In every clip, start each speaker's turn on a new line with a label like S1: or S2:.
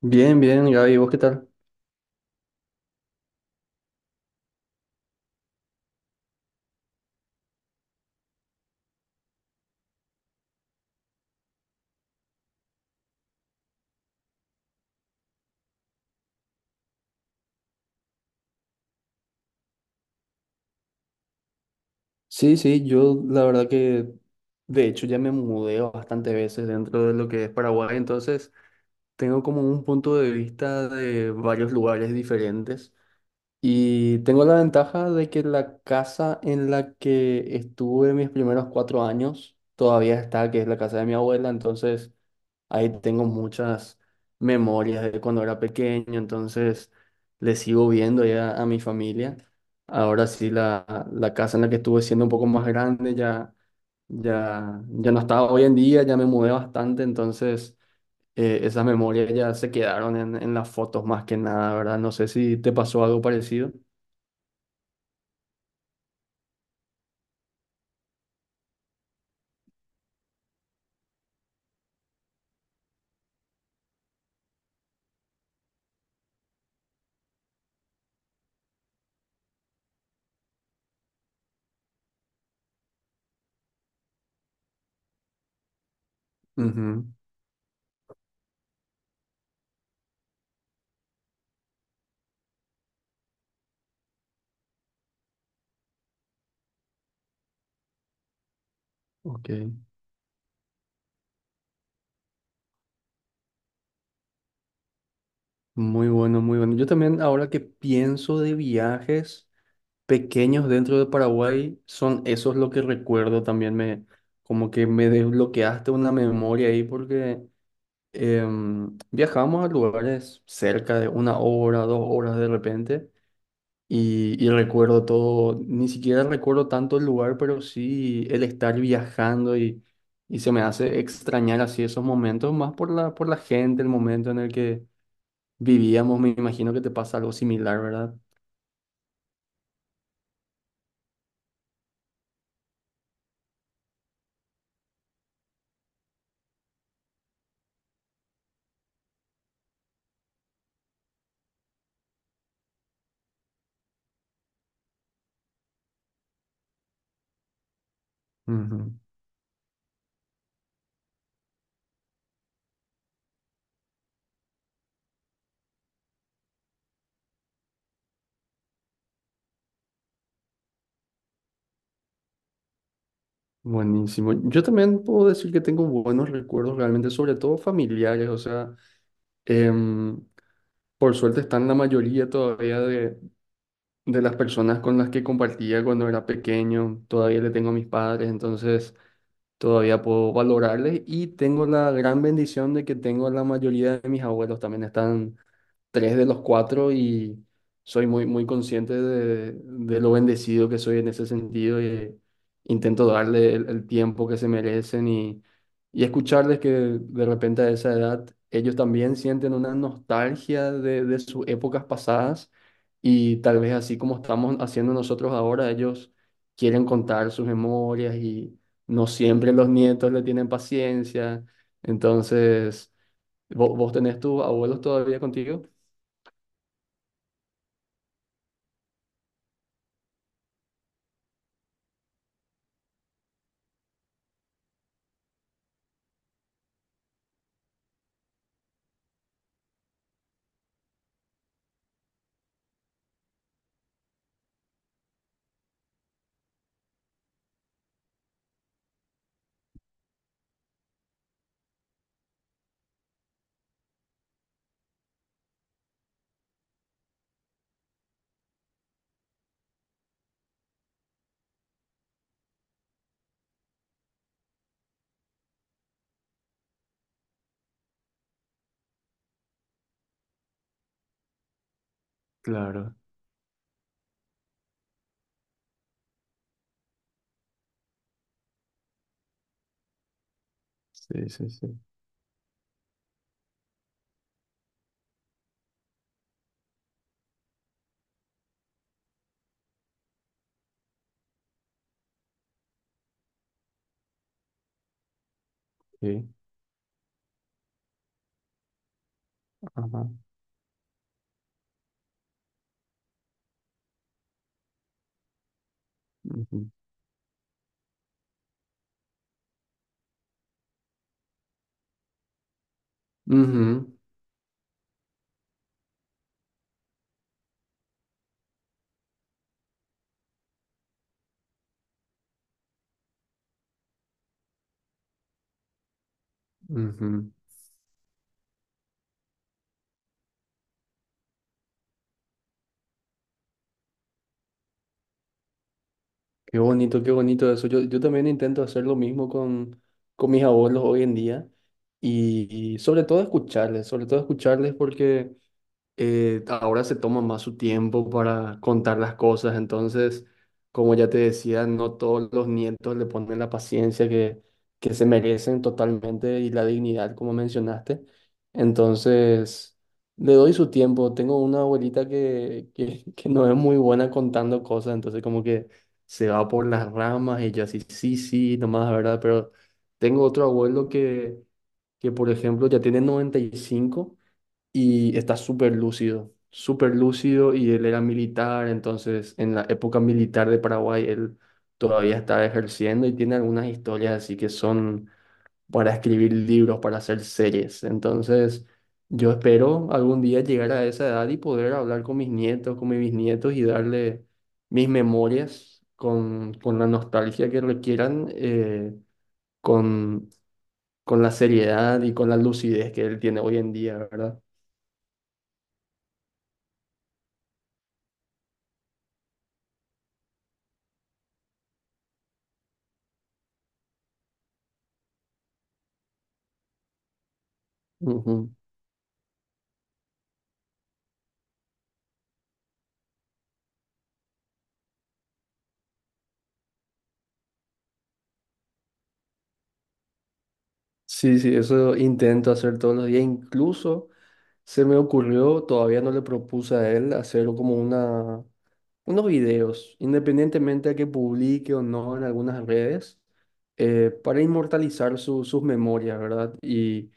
S1: Bien, bien, Gaby, ¿vos qué tal? Sí, sí, yo la verdad que de Hecho ya me mudé bastantes veces dentro de lo que es Paraguay, entonces tengo como un punto de vista de varios lugares diferentes y tengo la ventaja de que la casa en la que estuve mis primeros cuatro años todavía está, que es la casa de mi abuela. Entonces ahí tengo muchas memorias de cuando era pequeño, entonces le sigo viendo ya a mi familia. Ahora sí, la casa en la que estuve siendo un poco más grande ya, ya no estaba hoy en día, ya me mudé bastante, entonces esas memorias ya se quedaron en las fotos más que nada, ¿verdad? No sé si te pasó algo parecido. Ujú. Ok, muy bueno, muy bueno. Yo también ahora que pienso de viajes pequeños dentro de Paraguay, son esos lo que recuerdo. También me, como que me desbloqueaste una memoria ahí, porque viajamos a lugares cerca de una hora, dos horas de repente y recuerdo todo. Ni siquiera recuerdo tanto el lugar, pero sí el estar viajando, y se me hace extrañar así esos momentos, más por la gente, el momento en el que vivíamos. Me imagino que te pasa algo similar, ¿verdad? Ujú. Buenísimo. Yo también puedo decir que tengo buenos recuerdos realmente, sobre todo familiares. O sea, em, por suerte están la mayoría todavía de las personas con las que compartía cuando era pequeño. Todavía le tengo a mis padres, entonces todavía puedo valorarles. Y tengo la gran bendición de que tengo a la mayoría de mis abuelos también. Están tres de los cuatro, y soy muy, muy consciente de lo bendecido que soy en ese sentido, y intento darle el tiempo que se merecen, y escucharles, que de repente a esa edad ellos también sienten una nostalgia de sus épocas pasadas, y tal vez así como estamos haciendo nosotros ahora, ellos quieren contar sus memorias y no siempre los nietos le tienen paciencia. Entonces, ¿vos tenés tus abuelos todavía contigo? Claro, sí, sí, sí, sí, ajá, ujú, ujú, ujú. Qué bonito eso. Yo también intento hacer lo mismo con mis abuelos hoy en día, y sobre todo escucharles, sobre todo escucharles, porque ahora se toma más su tiempo para contar las cosas. Entonces, como ya te decía, no todos los nietos le ponen la paciencia que se merecen totalmente, y la dignidad, como mencionaste. Entonces, le doy su tiempo. Tengo una abuelita que que no es muy buena contando cosas, entonces como que se va por las ramas y yo así, sí, sí, nomás, ¿verdad? Pero tengo otro abuelo que por ejemplo ya tiene 95 y está súper lúcido, súper lúcido, y él era militar. Entonces en la época militar de Paraguay él todavía estaba ejerciendo, y tiene algunas historias así que son para escribir libros, para hacer series. Entonces yo espero algún día llegar a esa edad y poder hablar con mis nietos, con mis bisnietos, y darle mis memorias. Con la nostalgia que requieran, con, con la seriedad y con la lucidez que él tiene hoy en día, ¿verdad? Ujú. Sí, sí, eso intento hacer todos los días. Incluso se me ocurrió, todavía no le propuse a él, hacer como una, unos videos, independientemente de que publique o no en algunas redes, para inmortalizar sus memorias, ¿verdad? Y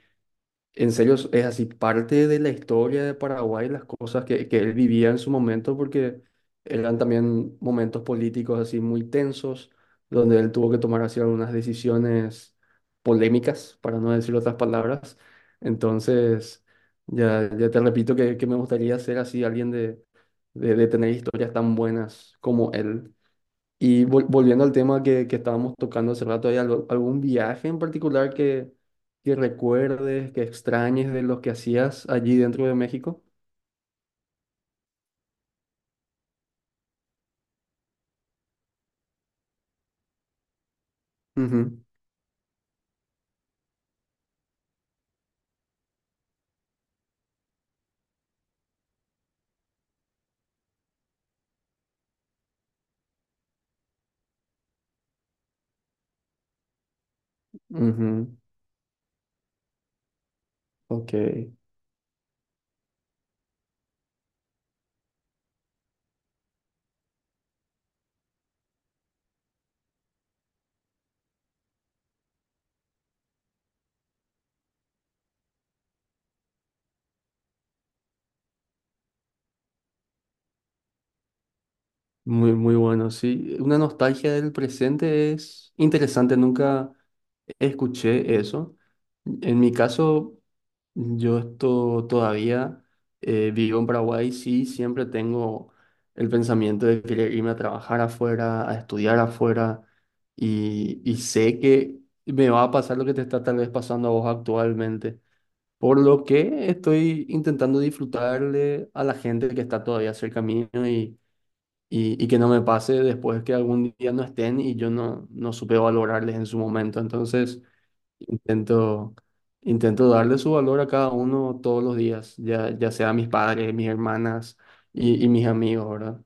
S1: en serio, es así parte de la historia de Paraguay, las cosas que él vivía en su momento, porque eran también momentos políticos así muy tensos, donde él tuvo que tomar así algunas decisiones polémicas, para no decir otras palabras. Entonces, ya te repito que me gustaría ser así alguien de tener historias tan buenas como él. Y volviendo al tema que estábamos tocando hace rato, ¿hay algún viaje en particular que recuerdes, que extrañes de los que hacías allí dentro de México? Ujú, ujú. Ok, muy, muy bueno, sí. Una nostalgia del presente es interesante, nunca escuché eso. En mi caso, yo esto todavía, vivo en Paraguay, sí, siempre tengo el pensamiento de querer irme a trabajar afuera, a estudiar afuera, y sé que me va a pasar lo que te está tal vez pasando a vos actualmente, por lo que estoy intentando disfrutarle a la gente que está todavía cerca mío, y que no me pase después que algún día no estén y yo no, no supe valorarles en su momento. Entonces, intento, intento darle su valor a cada uno todos los días, ya, ya sea mis padres, mis hermanas, y mis amigos, ¿verdad?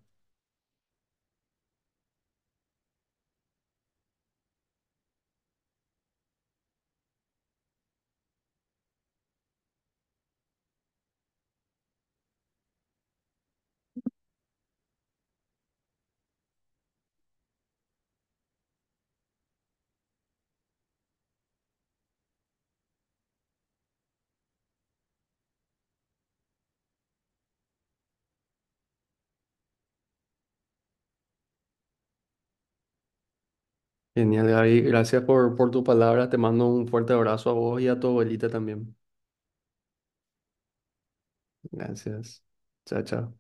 S1: Genial, Gaby. Gracias por tu palabra. Te mando un fuerte abrazo a vos y a tu abuelita también. Gracias. Chao, chao.